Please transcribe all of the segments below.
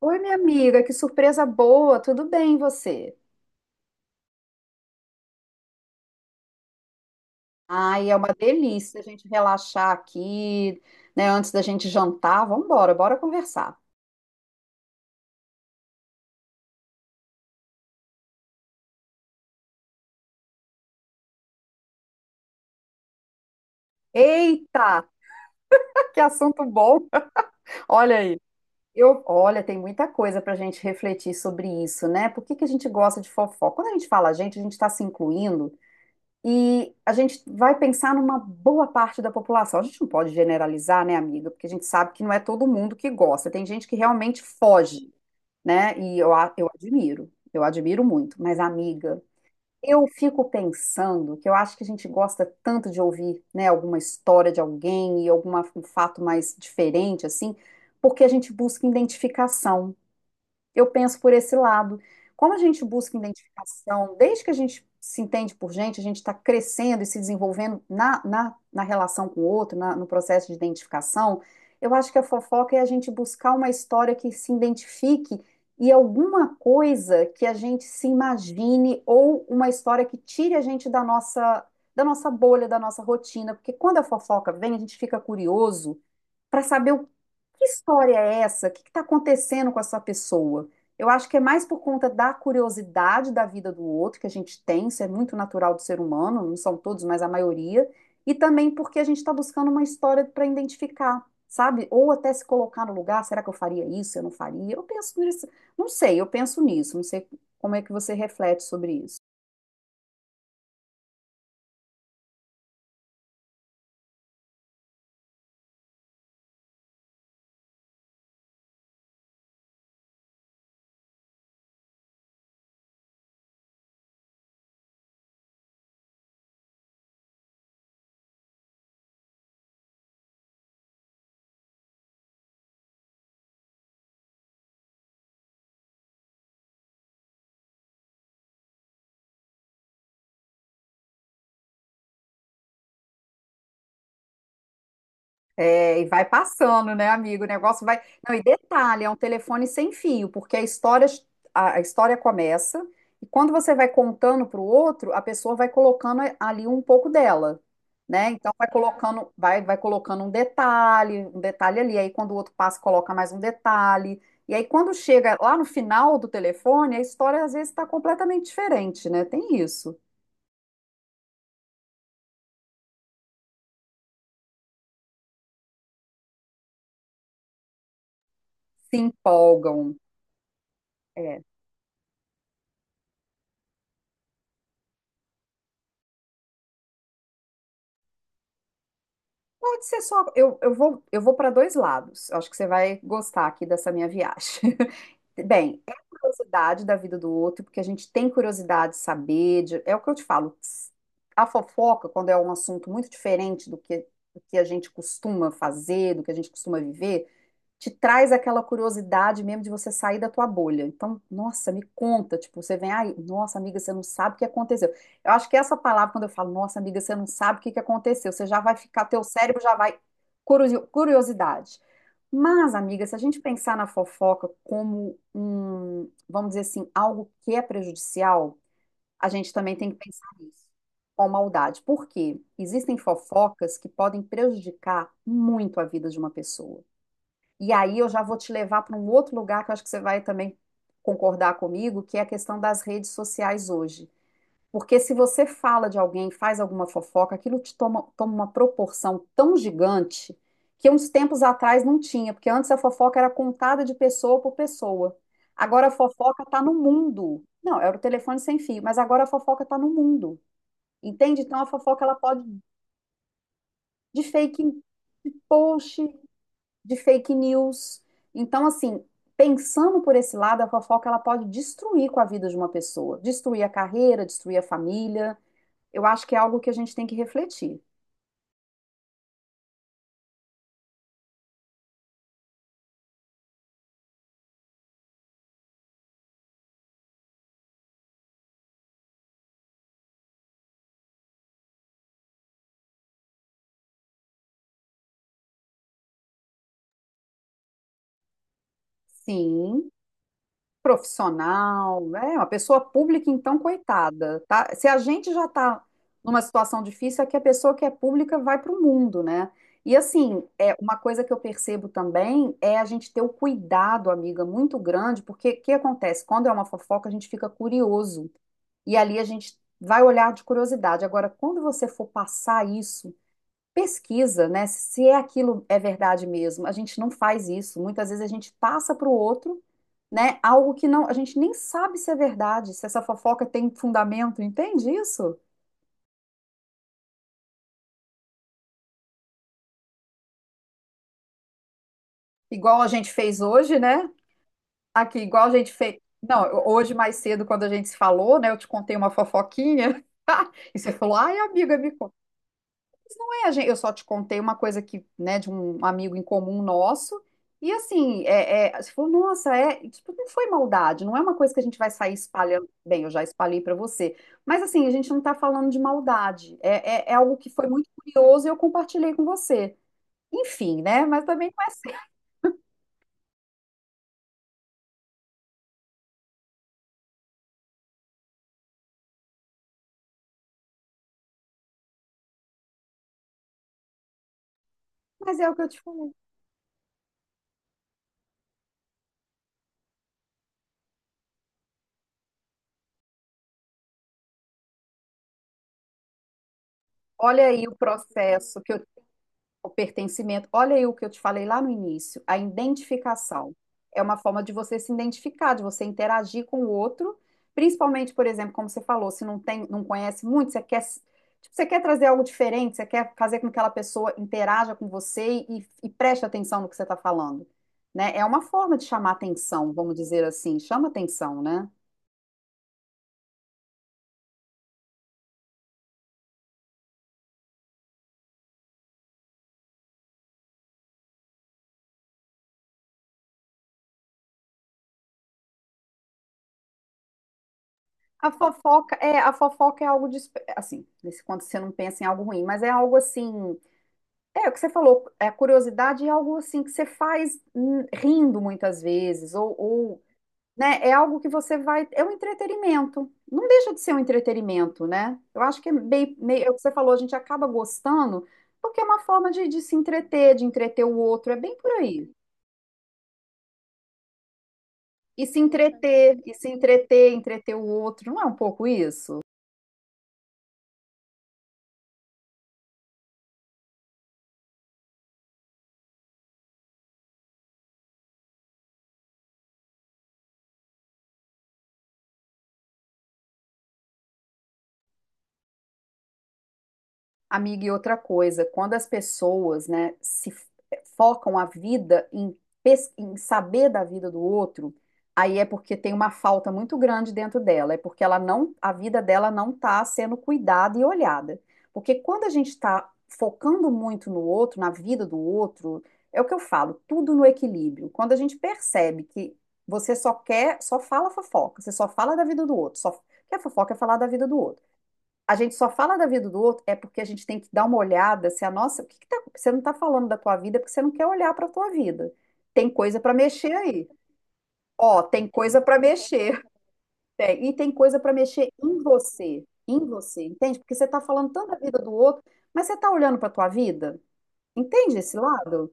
Oi, minha amiga, que surpresa boa, tudo bem e você? Ai, é uma delícia a gente relaxar aqui, né, antes da gente jantar. Vamos embora, bora conversar. Eita, que assunto bom. Olha aí. Olha, tem muita coisa para a gente refletir sobre isso, né? Por que que a gente gosta de fofoca? Quando a gente fala a gente está se incluindo e a gente vai pensar numa boa parte da população. A gente não pode generalizar, né, amiga? Porque a gente sabe que não é todo mundo que gosta. Tem gente que realmente foge. Né? E eu admiro muito. Mas, amiga, eu fico pensando que eu acho que a gente gosta tanto de ouvir, né, alguma história de alguém e algum fato mais diferente, assim, porque a gente busca identificação. Eu penso por esse lado. Como a gente busca identificação, desde que a gente se entende por gente, a gente está crescendo e se desenvolvendo na relação com o outro, no processo de identificação, eu acho que a fofoca é a gente buscar uma história que se identifique e alguma coisa que a gente se imagine ou uma história que tire a gente da nossa bolha, da nossa rotina, porque quando a fofoca vem, a gente fica curioso para saber o que história é essa? O que está acontecendo com essa pessoa? Eu acho que é mais por conta da curiosidade da vida do outro que a gente tem, isso é muito natural do ser humano, não são todos, mas a maioria, e também porque a gente está buscando uma história para identificar, sabe? Ou até se colocar no lugar, será que eu faria isso? Eu não faria? Eu penso nisso, não sei, eu penso nisso, não sei como é que você reflete sobre isso. É, e vai passando, né, amigo? O negócio vai. Não, e detalhe, é um telefone sem fio, porque a história, a história começa e quando você vai contando para o outro, a pessoa vai colocando ali um pouco dela, né? Então vai colocando, vai colocando um detalhe ali. Aí quando o outro passa, coloca mais um detalhe. E aí quando chega lá no final do telefone, a história às vezes está completamente diferente, né? Tem isso. Se empolgam. É. Pode ser só. Eu vou para dois lados. Eu acho que você vai gostar aqui dessa minha viagem. Bem, é curiosidade da vida do outro, porque a gente tem curiosidade de saber. É o que eu te falo. A fofoca, quando é um assunto muito diferente do que a gente costuma fazer, do que a gente costuma viver, te traz aquela curiosidade mesmo de você sair da tua bolha. Então, nossa, me conta, tipo, você vem, ai, nossa, amiga, você não sabe o que aconteceu. Eu acho que essa palavra, quando eu falo, nossa, amiga, você não sabe o que que aconteceu, você já vai ficar, teu cérebro já vai, curiosidade. Mas, amiga, se a gente pensar na fofoca como um, vamos dizer assim, algo que é prejudicial, a gente também tem que pensar nisso, com maldade. Por quê? Existem fofocas que podem prejudicar muito a vida de uma pessoa. E aí eu já vou te levar para um outro lugar que eu acho que você vai também concordar comigo, que é a questão das redes sociais hoje. Porque se você fala de alguém, faz alguma fofoca, aquilo te toma, toma uma proporção tão gigante que uns tempos atrás não tinha, porque antes a fofoca era contada de pessoa por pessoa. Agora a fofoca está no mundo. Não, era o telefone sem fio, mas agora a fofoca está no mundo. Entende? Então a fofoca ela pode de fake em post, de fake news. Então, assim, pensando por esse lado, a fofoca ela pode destruir com a vida de uma pessoa, destruir a carreira, destruir a família. Eu acho que é algo que a gente tem que refletir. Sim, profissional, né? Uma pessoa pública, então, coitada, tá? Se a gente já está numa situação difícil, é que a pessoa que é pública vai para o mundo, né? E assim, é uma coisa que eu percebo também é a gente ter o cuidado, amiga, muito grande, porque o que acontece? Quando é uma fofoca, a gente fica curioso. E ali a gente vai olhar de curiosidade. Agora, quando você for passar isso, pesquisa, né? Se é aquilo é verdade mesmo. A gente não faz isso. Muitas vezes a gente passa para o outro, né? Algo que não, a gente nem sabe se é verdade, se essa fofoca tem fundamento, entende isso? Igual a gente fez hoje, né? Aqui, igual a gente fez. Não, hoje mais cedo, quando a gente se falou, né? Eu te contei uma fofoquinha. E você falou, ai, amiga, me conta. Eu só te contei uma coisa que, né, de um amigo em comum nosso. E assim, você falou, nossa, tipo, não foi maldade, não é uma coisa que a gente vai sair espalhando. Bem, eu já espalhei para você. Mas assim, a gente não está falando de maldade. É algo que foi muito curioso e eu compartilhei com você. Enfim, né? Mas também não é, assim, mas é o que eu te falei. Olha aí o processo que eu O pertencimento. Olha aí o que eu te falei lá no início, a identificação. É uma forma de você se identificar, de você interagir com o outro, principalmente, por exemplo, como você falou, se não tem, não conhece muito, você quer, tipo, você quer trazer algo diferente, você quer fazer com que aquela pessoa interaja com você e preste atenção no que você está falando, né? É uma forma de chamar atenção, vamos dizer assim, chama atenção, né? A fofoca é algo de, assim, nesse quando você não pensa em algo ruim, mas é algo assim. É, o que você falou, a curiosidade é algo assim que você faz rindo muitas vezes, né, é algo que você vai, é um entretenimento, não deixa de ser um entretenimento, né? Eu acho que é bem, meio, é o que você falou, a gente acaba gostando, porque é uma forma de se entreter, de entreter o outro, é bem por aí. E se entreter, entreter o outro, não é um pouco isso? Amiga, e outra coisa, quando as pessoas, né, se f- eh, focam a vida em, em saber da vida do outro, aí é porque tem uma falta muito grande dentro dela, é porque ela não, a vida dela não está sendo cuidada e olhada. Porque quando a gente está focando muito no outro, na vida do outro, é o que eu falo, tudo no equilíbrio. Quando a gente percebe que você só quer, só fala fofoca, você só fala da vida do outro, só quer fofoca é falar da vida do outro a gente só fala da vida do outro é porque a gente tem que dar uma olhada se a nossa, o que que você não está falando da tua vida porque você não quer olhar para a tua vida. Tem coisa para mexer aí. Ó, tem coisa para mexer. Tem, e tem coisa para mexer em você, entende? Porque você está falando tanto da vida do outro, mas você está olhando para a tua vida? Entende esse lado?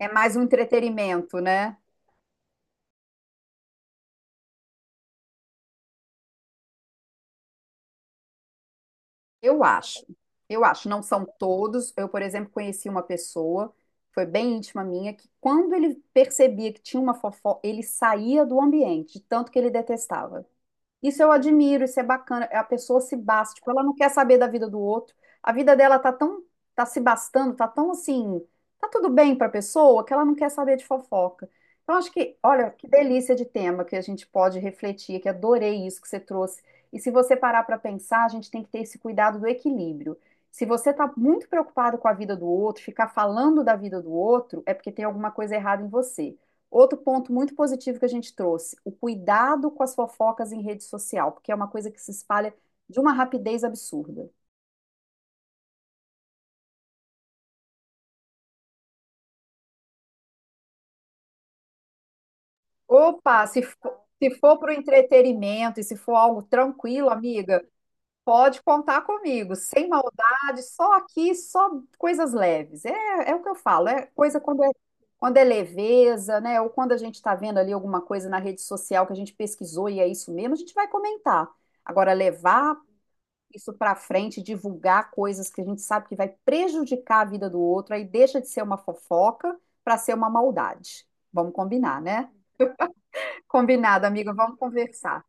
É mais um entretenimento, né? Eu acho, eu acho, não são todos. Eu, por exemplo, conheci uma pessoa, foi bem íntima minha, que quando ele percebia que tinha uma fofoca, ele saía do ambiente, de tanto que ele detestava. Isso eu admiro, isso é bacana. A pessoa se basta, tipo, ela não quer saber da vida do outro. A vida dela tá tão, tá se bastando, tá tão assim, tá tudo bem pra pessoa que ela não quer saber de fofoca. Então acho que, olha, que delícia de tema que a gente pode refletir, que adorei isso que você trouxe. E se você parar pra pensar, a gente tem que ter esse cuidado do equilíbrio. Se você tá muito preocupado com a vida do outro, ficar falando da vida do outro, é porque tem alguma coisa errada em você. Outro ponto muito positivo que a gente trouxe, o cuidado com as fofocas em rede social, porque é uma coisa que se espalha de uma rapidez absurda. Opa, se for para o entretenimento e se for algo tranquilo, amiga, pode contar comigo, sem maldade, só aqui, só coisas leves. É, é o que eu falo, é coisa quando é leveza, né? Ou quando a gente está vendo ali alguma coisa na rede social que a gente pesquisou e é isso mesmo, a gente vai comentar. Agora, levar isso para frente, divulgar coisas que a gente sabe que vai prejudicar a vida do outro, aí deixa de ser uma fofoca para ser uma maldade. Vamos combinar, né? Combinado, amiga, vamos conversar.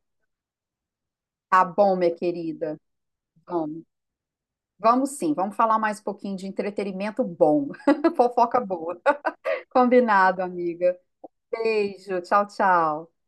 Tá bom, minha querida. Vamos. Vamos sim, vamos falar mais um pouquinho de entretenimento bom. Fofoca boa. Combinado, amiga. Beijo, tchau, tchau.